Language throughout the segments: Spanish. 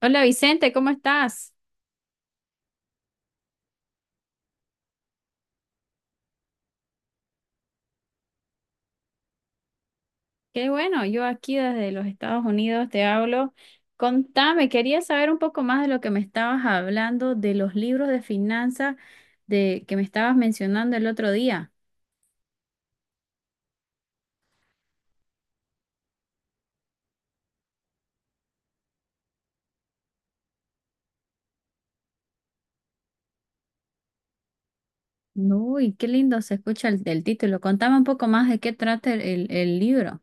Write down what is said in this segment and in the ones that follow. Hola Vicente, ¿cómo estás? Qué bueno, yo aquí desde los Estados Unidos te hablo. Contame, quería saber un poco más de lo que me estabas hablando de los libros de finanzas de que me estabas mencionando el otro día. Uy, qué lindo se escucha el título. Contame un poco más de qué trata el libro.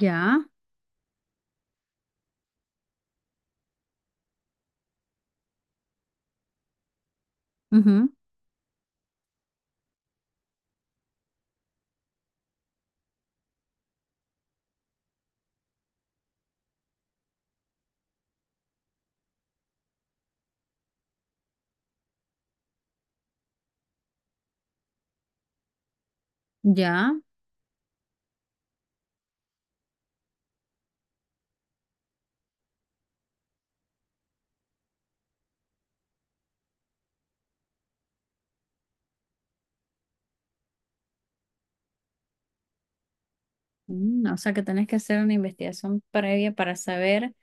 Ya, ujú, ya. Mm, o sea que tenés que hacer una investigación previa para saber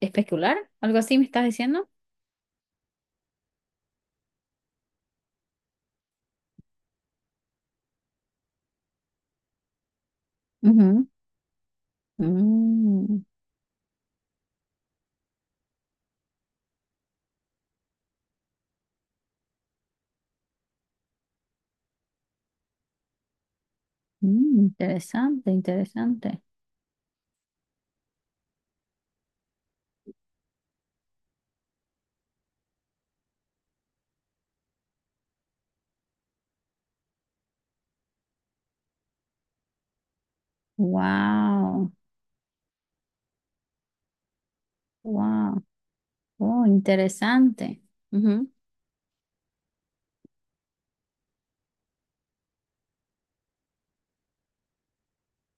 especular. ¿Algo así me estás diciendo? Ujú. Mm. Mm, interesante, interesante. Wow, wow, oh, interesante. Ujú.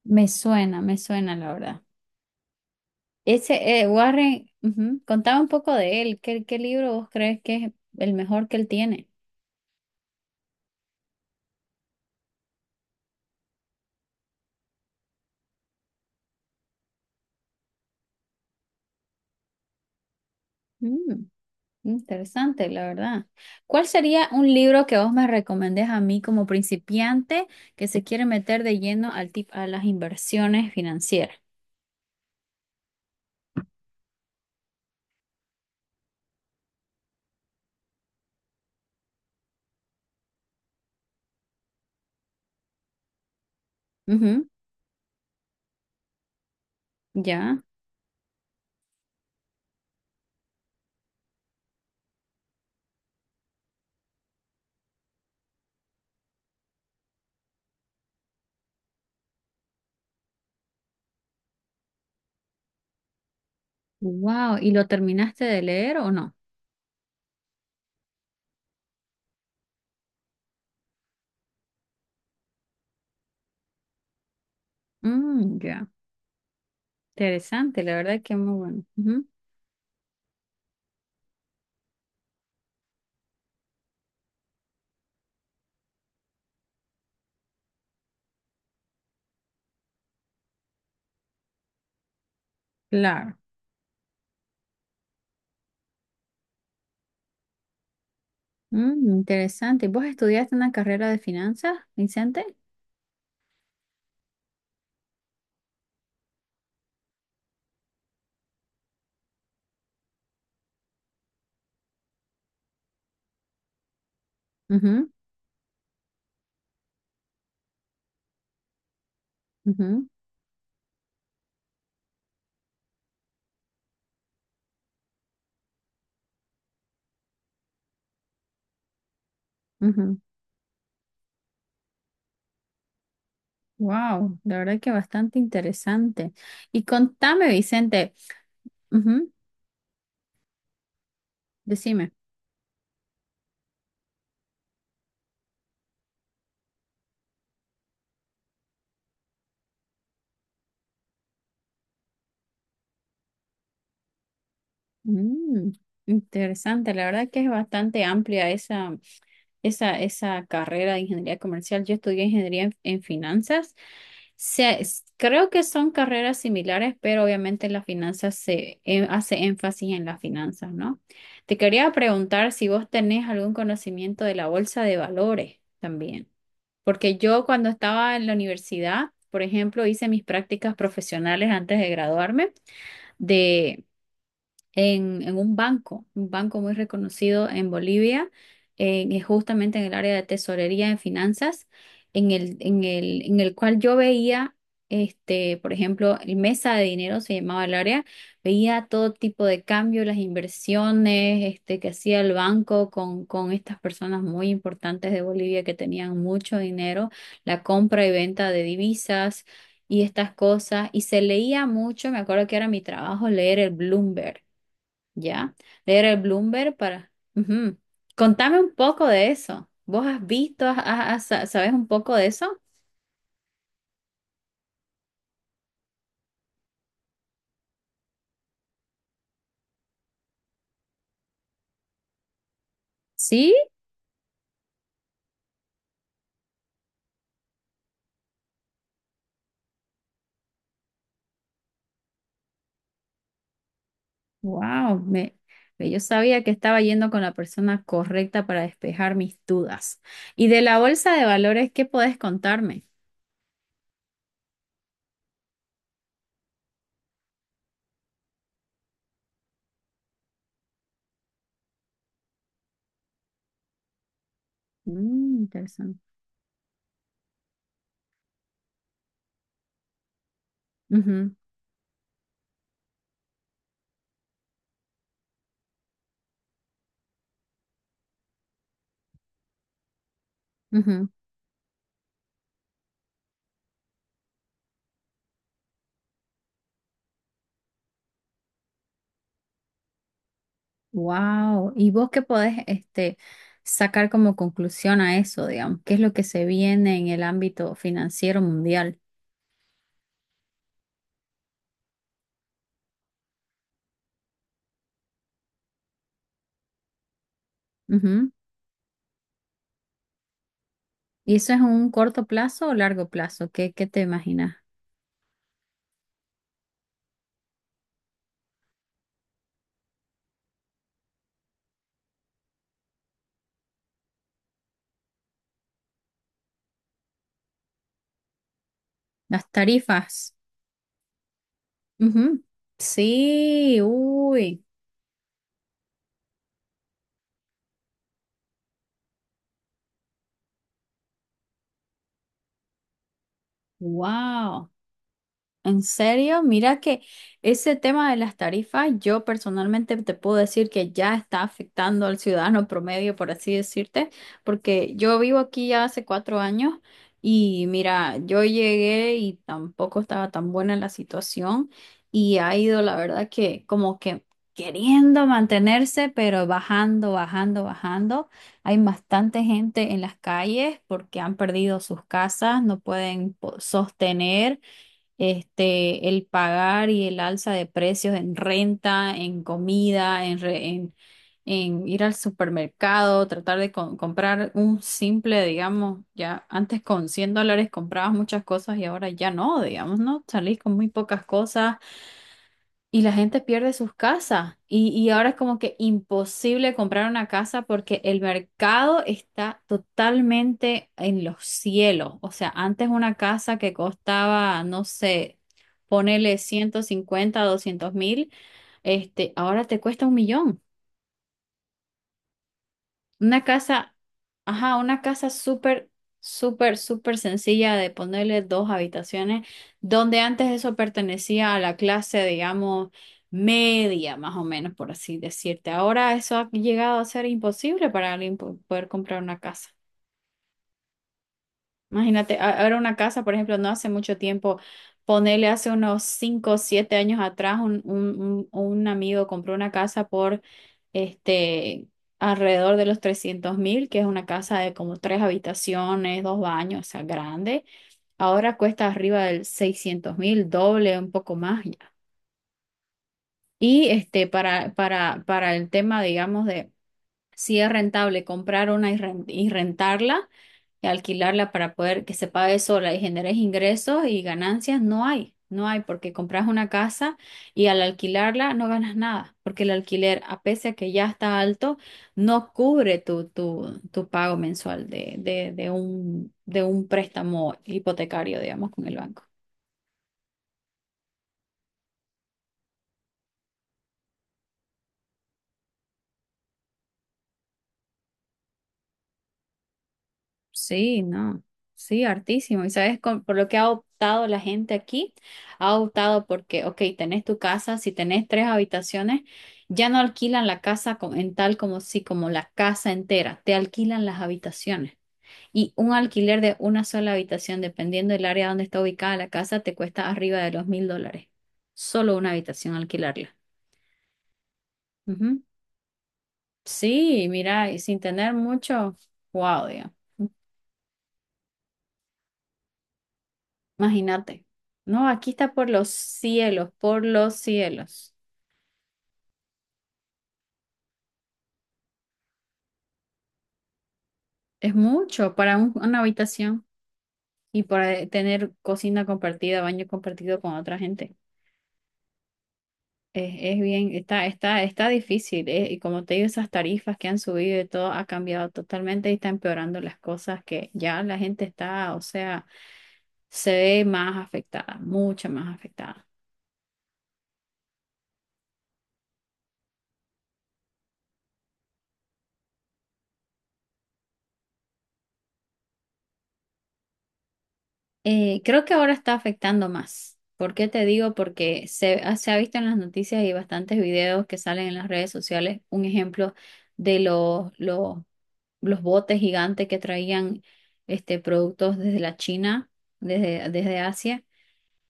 Me suena, la verdad. Ese, Warren, ujú, contaba un poco de él. ¿Qué libro vos crees que es el mejor que él tiene? Mm, interesante, la verdad. ¿Cuál sería un libro que vos me recomendés a mí como principiante que se quiere meter de lleno al tip a las inversiones financieras? Ujú, ya. Wow, ¿y lo terminaste de leer o no? Mm, ya, interesante, la verdad que muy bueno. Ujú, claro, mm, interesante. ¿Vos estudiaste una carrera de finanzas, Vicente? Ujú, ujú, ujú. Wow, la verdad que bastante interesante. Y contame, Vicente, ujú, decime. Mm, interesante, la verdad que es bastante amplia esa carrera de ingeniería comercial. Yo estudié ingeniería en finanzas. Creo que son carreras similares, pero obviamente la finanzas se hace énfasis en las finanzas, ¿no? Te quería preguntar si vos tenés algún conocimiento de la bolsa de valores también, porque yo cuando estaba en la universidad, por ejemplo, hice mis prácticas profesionales antes de graduarme en un banco muy reconocido en Bolivia, que justamente en el área de tesorería en finanzas, en el cual yo veía, este, por ejemplo, el mesa de dinero se llamaba el área, veía todo tipo de cambios, las inversiones, este, que hacía el banco con estas personas muy importantes de Bolivia que tenían mucho dinero, la compra y venta de divisas. Y estas cosas, y se leía mucho, me acuerdo que era mi trabajo leer el Bloomberg, ya, leer el Bloomberg para... Ujú. Contame un poco de eso. ¿Vos has visto, sabes un poco de eso? ¿Sí? Wow, yo sabía que estaba yendo con la persona correcta para despejar mis dudas. ¿Y de la bolsa de valores, qué podés contarme? Mm, interesante. Wow, ¿y vos qué podés este, sacar como conclusión a eso, digamos? ¿Qué es lo que se viene en el ámbito financiero mundial? ¿Y eso es un corto plazo o largo plazo? ¿Qué te imaginas? Las tarifas. Ujú. Sí, uy, wow. ¿En serio? Mira que ese tema de las tarifas, yo personalmente te puedo decir que ya está afectando al ciudadano promedio, por así decirte, porque yo vivo aquí ya hace 4 años y mira, yo llegué y tampoco estaba tan buena la situación y ha ido, la verdad, que como que queriendo mantenerse, pero bajando, bajando, bajando. Hay bastante gente en las calles porque han perdido sus casas, no pueden sostener este, el pagar y el alza de precios en renta, en comida, en, en ir al supermercado, tratar de comprar un simple, digamos, ya antes con 100 dólares comprabas muchas cosas y ahora ya no, digamos, ¿no? Salís con muy pocas cosas y la gente pierde sus casas. Y ahora es como que imposible comprar una casa porque el mercado está totalmente en los cielos. O sea, antes una casa que costaba, no sé, ponele 150 200.000, este, ahora te cuesta un millón. Una casa, ajá, una casa súper, súper, súper sencilla de ponerle 2 habitaciones, donde antes eso pertenecía a la clase, digamos, media, más o menos, por así decirte. Ahora eso ha llegado a ser imposible para alguien poder comprar una casa. Imagínate, ahora una casa, por ejemplo, no hace mucho tiempo, ponele hace unos 5 o 7 años atrás, un amigo compró una casa por este alrededor de los 300.000, que es una casa de como 3 habitaciones, 2 baños, o sea, grande. Ahora cuesta arriba del 600.000, doble, un poco más ya. Y este, para el tema, digamos, de si es rentable comprar una y y rentarla y alquilarla para poder que se pague sola y generes ingresos y ganancias, no hay, no hay, porque compras una casa y al alquilarla no ganas nada, porque el alquiler, a pesar de que ya está alto, no cubre tu pago mensual de un préstamo hipotecario, digamos, con el banco. Sí, no, sí, hartísimo. Y sabes, por lo que ha optado la gente aquí, ha optado porque, ok, tenés tu casa, si tenés 3 habitaciones, ya no alquilan la casa en tal como si, como la casa entera, te alquilan las habitaciones. Y un alquiler de una sola habitación, dependiendo del área donde está ubicada la casa, te cuesta arriba de los 1.000 dólares. Solo una habitación alquilarla. Ujú. Sí, mira, y sin tener mucho, wow, imagínate. No, aquí está por los cielos, por los cielos. Es mucho para una habitación y para tener cocina compartida, baño compartido con otra gente. Es bien, está difícil. Y como te digo, esas tarifas que han subido y todo ha cambiado totalmente y está empeorando las cosas que ya la gente está, o sea, se ve más afectada, mucho más afectada. Creo que ahora está afectando más. ¿Por qué te digo? Porque se ha visto en las noticias y bastantes videos que salen en las redes sociales, un ejemplo de los botes gigantes que traían este, productos desde la China, desde Asia.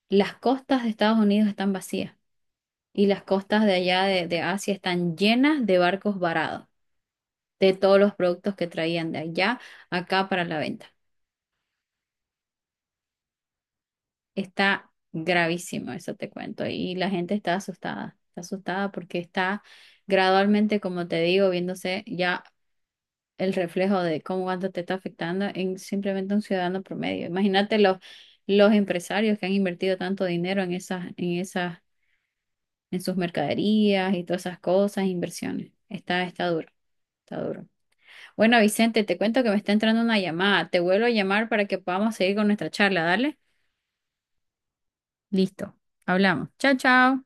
Las costas de Estados Unidos están vacías y las costas de allá de Asia están llenas de barcos varados de todos los productos que traían de allá acá para la venta. Está gravísimo, eso te cuento. Y la gente está asustada porque está gradualmente, como te digo, viéndose ya el reflejo de cómo cuánto te está afectando en simplemente un ciudadano promedio. Imagínate los empresarios que han invertido tanto dinero en sus mercaderías y todas esas cosas, inversiones. Está duro, está duro. Bueno, Vicente, te cuento que me está entrando una llamada. Te vuelvo a llamar para que podamos seguir con nuestra charla. Dale. Listo. Hablamos. Chao, chao.